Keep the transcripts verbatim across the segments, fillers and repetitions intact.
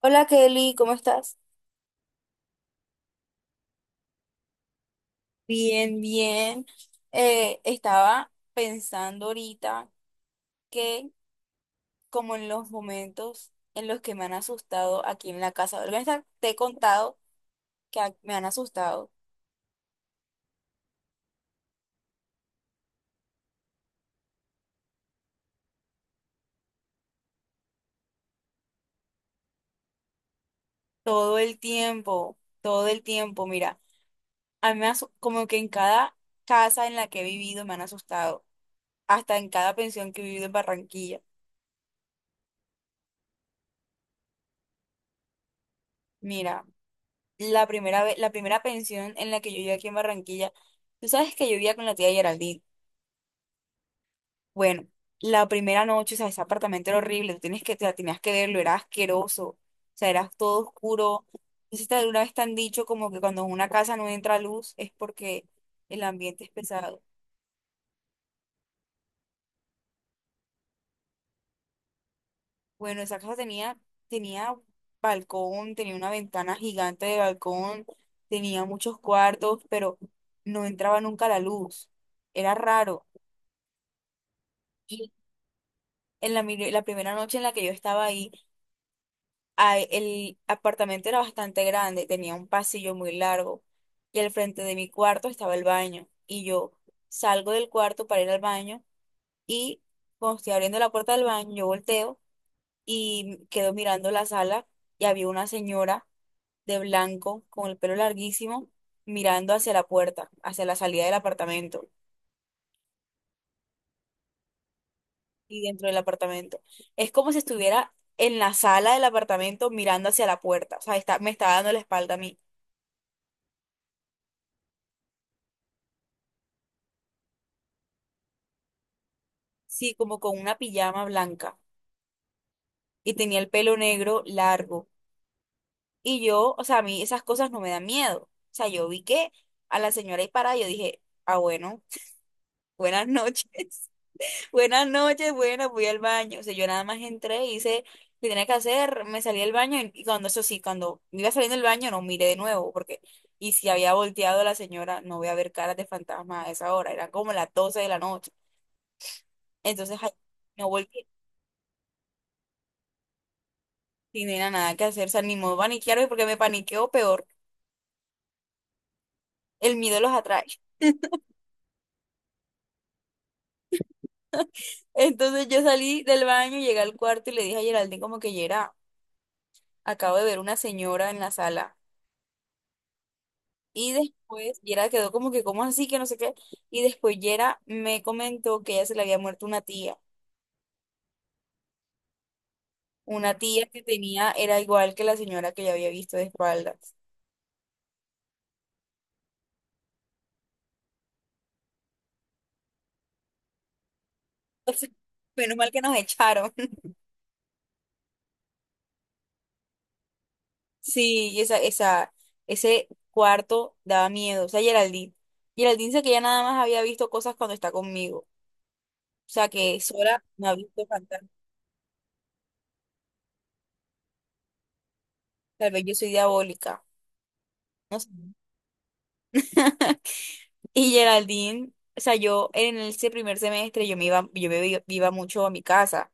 Hola Kelly, ¿cómo estás? Bien, bien. Eh, estaba pensando ahorita que como en los momentos en los que me han asustado aquí en la casa, ¿verdad? Esta- Te he contado que a- me han asustado todo el tiempo, todo el tiempo, mira, a mí me asu- como que en cada casa en la que he vivido me han asustado, hasta en cada pensión que he vivido en Barranquilla. Mira, la primera vez, la primera pensión en la que yo viví aquí en Barranquilla, tú sabes que yo vivía con la tía Geraldine. Bueno, la primera noche, o sea, ese apartamento era horrible, tú tienes que, o sea, tenías que verlo, era asqueroso, o sea, era todo oscuro. Entonces, de una vez te han dicho como que cuando en una casa no entra luz es porque el ambiente es pesado. Bueno, esa casa tenía, tenía balcón, tenía una ventana gigante de balcón, tenía muchos cuartos, pero no entraba nunca la luz. Era raro. Y en la, mi- la primera noche en la que yo estaba ahí, ay, el apartamento era bastante grande, tenía un pasillo muy largo y al frente de mi cuarto estaba el baño. Y yo salgo del cuarto para ir al baño y cuando estoy abriendo la puerta del baño, yo volteo y quedo mirando la sala y había una señora de blanco con el pelo larguísimo mirando hacia la puerta, hacia la salida del apartamento y dentro del apartamento. Es como si estuviera en la sala del apartamento mirando hacia la puerta, o sea, está, me estaba dando la espalda a mí. Sí, como con una pijama blanca y tenía el pelo negro largo. Y yo, o sea, a mí esas cosas no me dan miedo. O sea, yo vi que a la señora ahí parada, yo dije, ah, bueno, buenas noches, buenas noches, bueno, voy al baño. O sea, yo nada más entré, hice lo que tenía que hacer, me salí del baño y y cuando, eso sí, cuando me iba saliendo del baño no miré de nuevo, porque, y si había volteado a la señora, no voy a ver caras de fantasma a esa hora, eran como las doce de la noche. Entonces, ay, no volteé. Sin nena, nada que hacer, o sea, ni modo paniquearme porque me paniqueo peor, el miedo los atrae. Entonces yo salí del baño, llegué al cuarto y le dije a Geraldine como que Yera, acabo de ver una señora en la sala. Y después Yera quedó como que, ¿cómo así? Que no sé qué. Y después Yera me comentó que ella se le había muerto una tía. Una tía que tenía, era igual que la señora que yo había visto de espaldas. Entonces, menos mal que nos echaron. Sí, y esa, esa, ese cuarto daba miedo. O sea, Geraldine. Geraldine dice que ya nada más había visto cosas cuando está conmigo. O sea, que sola no ha visto fantasmas. Tal vez yo soy diabólica. No sé. Y Geraldine, o sea, yo en ese primer semestre yo me iba, yo me iba iba mucho a mi casa.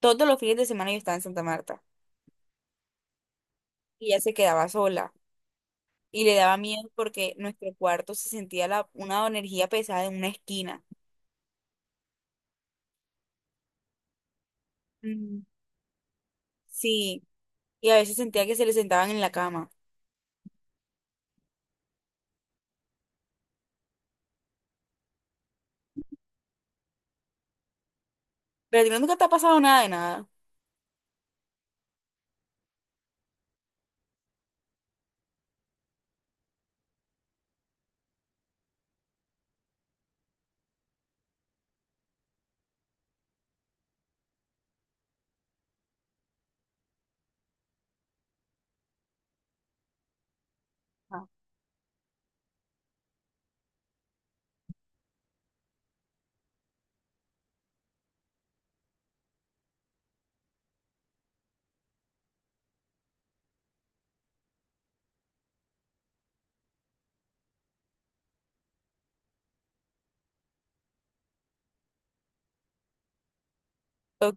Todos los fines de semana yo estaba en Santa Marta y ella se quedaba sola y le daba miedo porque nuestro cuarto se sentía la, una energía pesada en una esquina. Mm. Sí, y a veces sentía que se le sentaban en la cama. Pero a ti no, nunca te ha pasado nada de nada. No. Oh,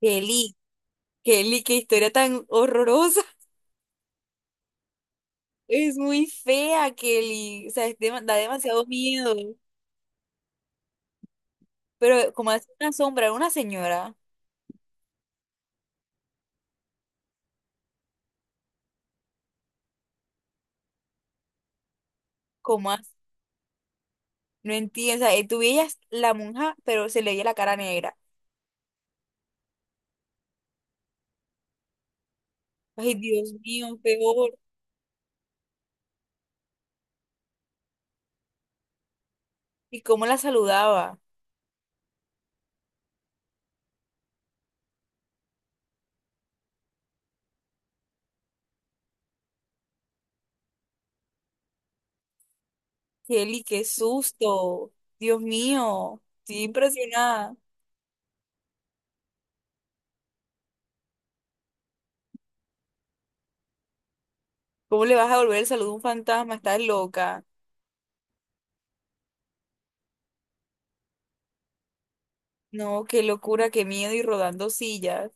Kelly, Kelly, qué historia tan horrorosa. Es muy fea, Kelly. O sea, es dema- da demasiado miedo. Pero como hace una sombra, era una señora, como hace? No entiendo. O sea, eh, tú veías la monja, pero se le veía la cara negra. Ay, Dios mío, peor. ¿Y cómo la saludaba? Kelly, qué susto. Dios mío, estoy impresionada. ¿Cómo le vas a volver el saludo a un fantasma? Estás loca. No, qué locura, qué miedo y rodando sillas.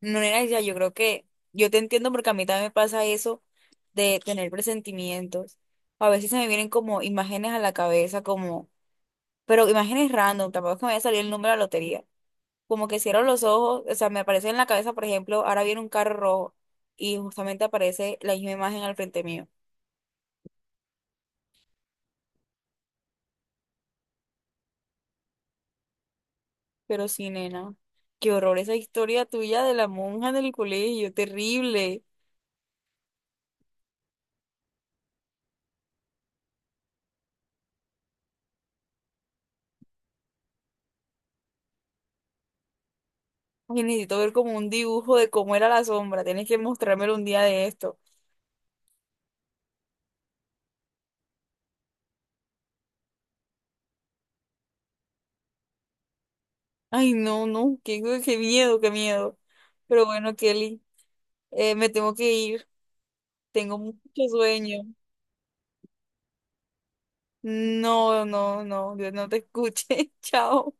No era ya, yo creo que yo te entiendo porque a mí también me pasa eso de tener presentimientos. A veces se me vienen como imágenes a la cabeza, como, pero imágenes random, tampoco es que me vaya a salir el número de la lotería. Como que cierro los ojos, o sea, me aparece en la cabeza, por ejemplo, ahora viene un carro rojo y justamente aparece la misma imagen al frente mío. Pero sí, nena, qué horror esa historia tuya de la monja del colegio, terrible. Ay, necesito ver como un dibujo de cómo era la sombra. Tienes que mostrármelo un día de esto. Ay, no, no, qué, qué miedo, qué miedo. Pero bueno, Kelly, eh, me tengo que ir. Tengo mucho sueño. No, no, no, Dios no te escuche. Chao.